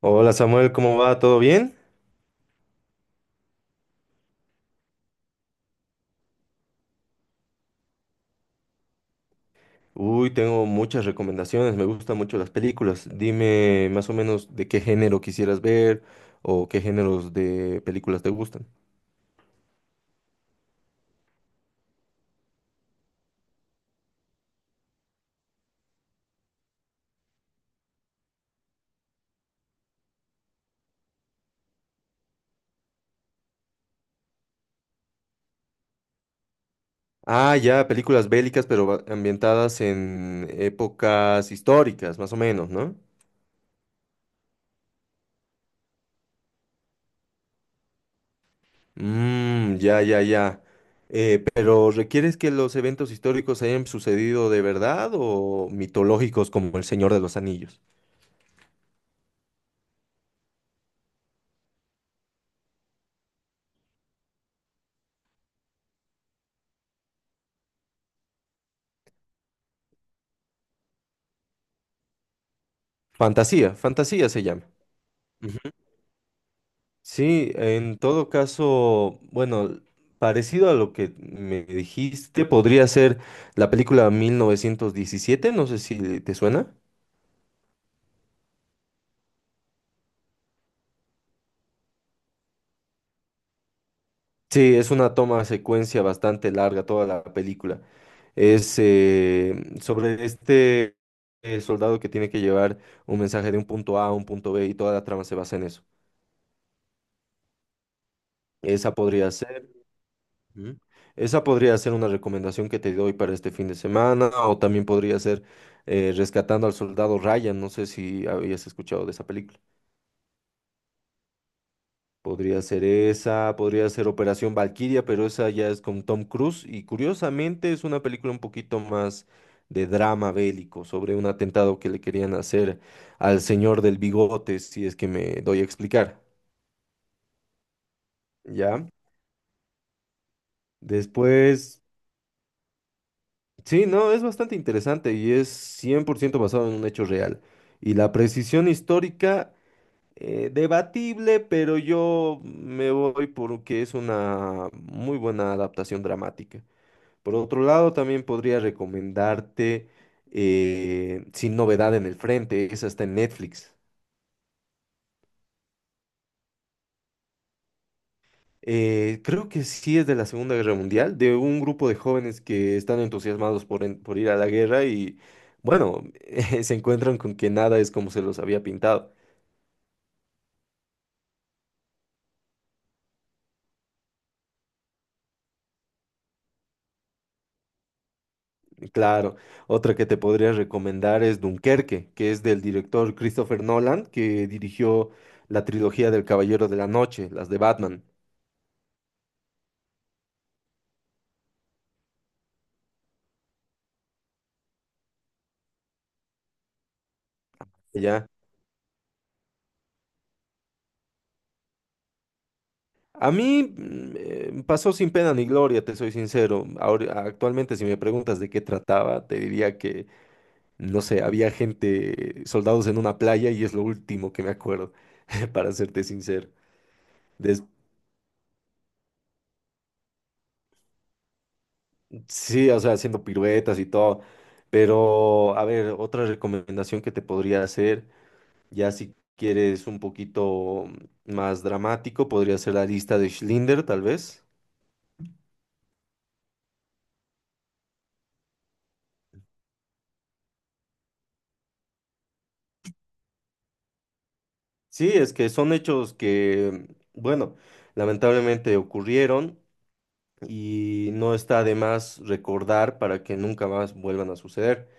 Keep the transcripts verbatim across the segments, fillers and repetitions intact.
Hola Samuel, ¿cómo va? ¿Todo bien? Uy, tengo muchas recomendaciones, me gustan mucho las películas. Dime más o menos de qué género quisieras ver o qué géneros de películas te gustan. Ah, ya, películas bélicas, pero ba- ambientadas en épocas históricas, más o menos, ¿no? Mmm, ya, ya, ya. Pero ¿requieres que los eventos históricos hayan sucedido de verdad o mitológicos como El Señor de los Anillos? Fantasía, fantasía se llama. Ujú. Sí, en todo caso, bueno, parecido a lo que me dijiste, podría ser la película mil novecientos diecisiete, no sé si te suena. Sí, es una toma secuencia bastante larga toda la película. Es eh, sobre este eh, soldado que tiene que llevar un mensaje de un punto A a un punto B y toda la trama se basa en eso. Esa podría ser. Ujú. Esa podría ser una recomendación que te doy para este fin de semana, o también podría ser eh, Rescatando al Soldado Ryan, no sé si habías escuchado de esa película. Podría ser esa, podría ser Operación Valquiria, pero esa ya es con Tom Cruise y curiosamente es una película un poquito más de drama bélico sobre un atentado que le querían hacer al señor del bigote, si es que me doy a explicar, ¿ya? Después... Sí, no, es bastante interesante y es cien por ciento basado en un hecho real. Y la precisión histórica, eh, debatible, pero yo me voy porque es una muy buena adaptación dramática. Por otro lado, también podría recomendarte eh, Sin Novedad en el Frente, esa está en Netflix. Eh, creo que sí es de la Segunda Guerra Mundial, de un grupo de jóvenes que están entusiasmados por, en- por ir a la guerra y, bueno, eh, se encuentran con que nada es como se los había pintado. Claro, otra que te podría recomendar es Dunkerque, que es del director Christopher Nolan, que dirigió la trilogía del Caballero de la Noche, las de Batman, ¿ya? A mí mm, eh, pasó sin pena ni gloria, te soy sincero. Ahora, actualmente, si me preguntas de qué trataba, te diría que no sé, había gente, soldados en una playa y es lo último que me acuerdo, para serte sincero. Des- sí, o sea, haciendo piruetas y todo. Pero, a ver, otra recomendación que te podría hacer, ya si quieres un poquito más dramático, podría ser la lista de Schindler, tal vez. Sí, es que son hechos que, bueno, lamentablemente ocurrieron y no está de más recordar para que nunca más vuelvan a suceder.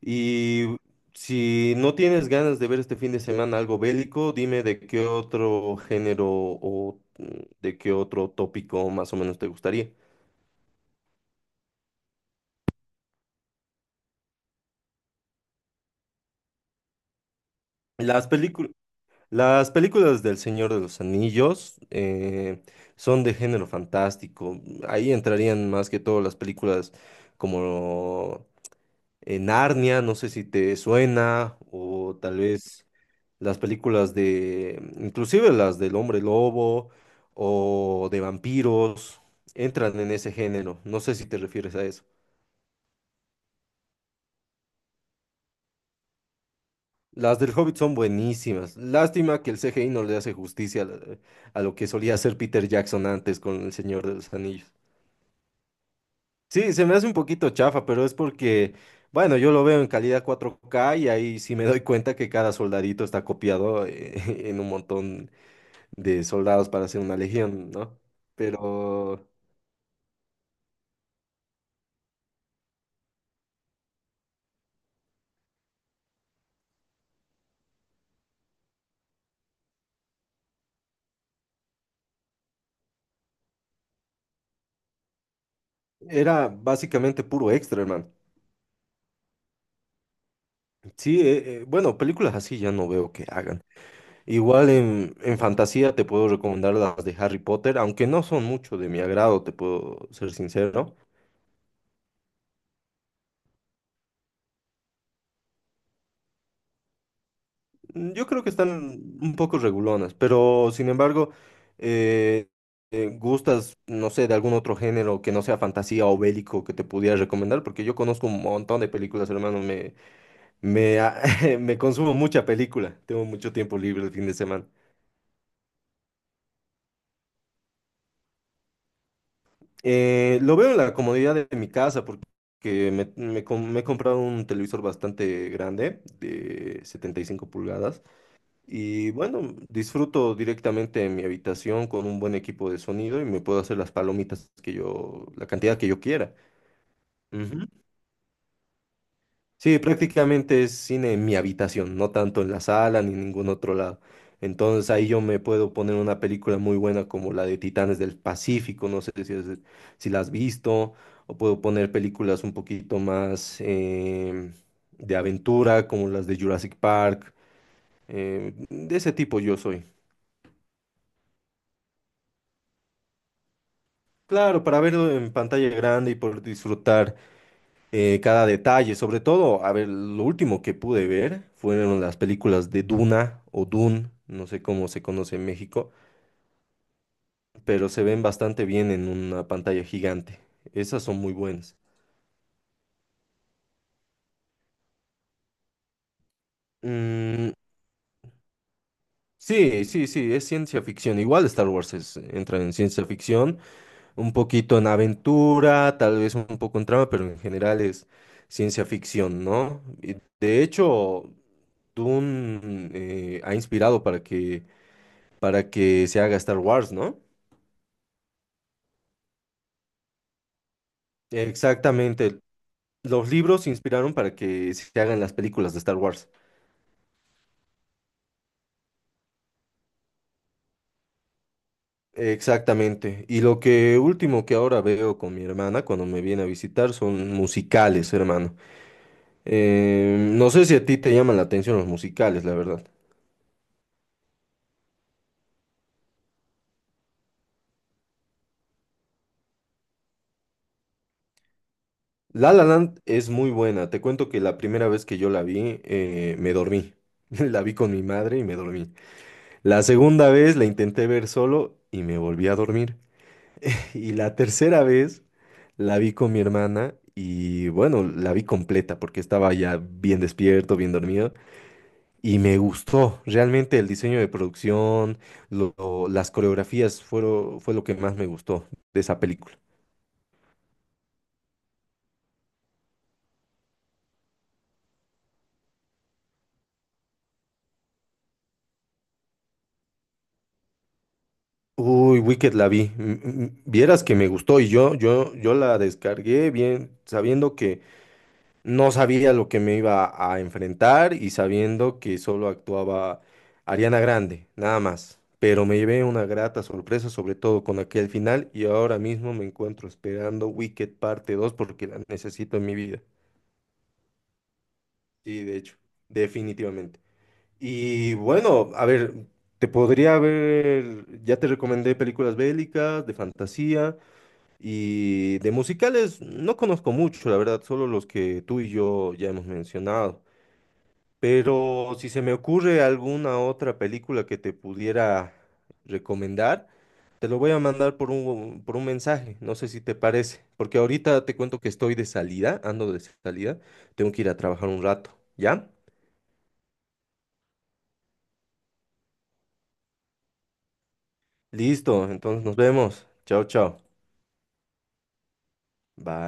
Y si no tienes ganas de ver este fin de semana algo bélico, dime de qué otro género o mm, de qué otro tópico más o menos te gustaría. Las películas, las películas del Señor de los Anillos eh, son de género fantástico. Ahí entrarían más que todo las películas como eh, Narnia, no sé si te suena, o tal vez las películas de, mm, inclusive las del hombre lobo o de vampiros, entran en ese género. No sé si te refieres a eso. Las del Hobbit son buenísimas. Lástima que el C G I no le hace justicia a la- a lo que solía hacer Peter Jackson antes con El Señor de los Anillos. Sí, se me hace un poquito chafa, pero es porque, bueno, yo lo veo en calidad cuatro K y ahí sí me doy cuenta que cada soldadito está copiado eh, en un montón de soldados para hacer una legión, ¿no? Pero era básicamente puro extra, hermano. Sí, eh, eh, bueno, películas así ya no veo que hagan. Igual en, en fantasía te puedo recomendar las de Harry Potter, aunque no son mucho de mi agrado, te puedo ser sincero. Mm, Yo creo que están un poco regulonas, pero sin embargo, eh, eh, ¿gustas, no sé, de algún otro género que no sea fantasía o bélico que te pudiera recomendar? Porque yo conozco un montón de películas, hermano, me Me, a- me consumo mucha película, tengo mucho tiempo libre el fin de semana. Eh, lo veo en la comodidad de mi casa porque me, me com- me he comprado un televisor bastante grande de setenta y cinco pulgadas y bueno, disfruto directamente en mi habitación con un buen equipo de sonido y me puedo hacer las palomitas que yo, la cantidad que yo quiera. Sí, prácticamente es cine en mi habitación, no tanto en la sala ni en ningún otro lado. Entonces ahí yo me puedo poner una película muy buena como la de Titanes del Pacífico, no sé si, es- si la has visto, o puedo poner películas un poquito más em, de aventura como las de Jurassic Park, em, de ese tipo yo soy. Claro, para verlo en pantalla grande y por disfrutar eh, cada detalle, sobre todo, a ver, lo último que pude ver fueron las películas de Duna o Dune, no sé cómo se conoce en México, pero se ven bastante bien en una pantalla gigante. Esas son muy buenas. Mm, sí, sí, sí, es ciencia ficción. Igual Star Wars es- entra en ciencia ficción, un poquito en aventura, tal vez un poco en trama, pero en general es ciencia ficción, ¿no? Y de hecho, Dune eh, ha inspirado para que para que se haga Star Wars, ¿no? Exactamente. Los libros se inspiraron para que se hagan las películas de Star Wars. Exactamente. Y lo que último que ahora veo con mi hermana cuando me viene a visitar son musicales, hermano. Eh, no sé si a ti te llaman la atención los musicales, la verdad. La La Land es muy buena. Te cuento que la primera vez que yo la vi, eh, me dormí. La vi con mi madre y me dormí. La segunda vez la intenté ver solo y me volví a dormir. Y la tercera vez la vi con mi hermana y bueno, la vi completa porque estaba ya bien despierto, bien dormido y me gustó. Realmente el diseño de producción, lo- lo- las coreografías fueron, fue lo que más me gustó de esa película. Uy, Wicked la vi. M- m- Vieras que me gustó y yo, yo, yo la descargué bien sabiendo que no sabía lo que me iba a enfrentar y sabiendo que solo actuaba Ariana Grande, nada más. Pero me llevé una grata sorpresa, sobre todo con aquel final, y ahora mismo me encuentro esperando Wicked parte dos porque la necesito en mi vida. Sí, de hecho, definitivamente. Y bueno, a ver, te podría ver, ya te recomendé películas bélicas, de fantasía y de musicales, no conozco mucho, la verdad, solo los que tú y yo ya hemos mencionado. Pero si se me ocurre alguna otra película que te pudiera recomendar, te lo voy a mandar por un, por un mensaje, no sé si te parece, porque ahorita te cuento que estoy de salida, ando de salida, tengo que ir a trabajar un rato, ¿ya? Listo, entonces nos vemos. Chao, chao. Bye.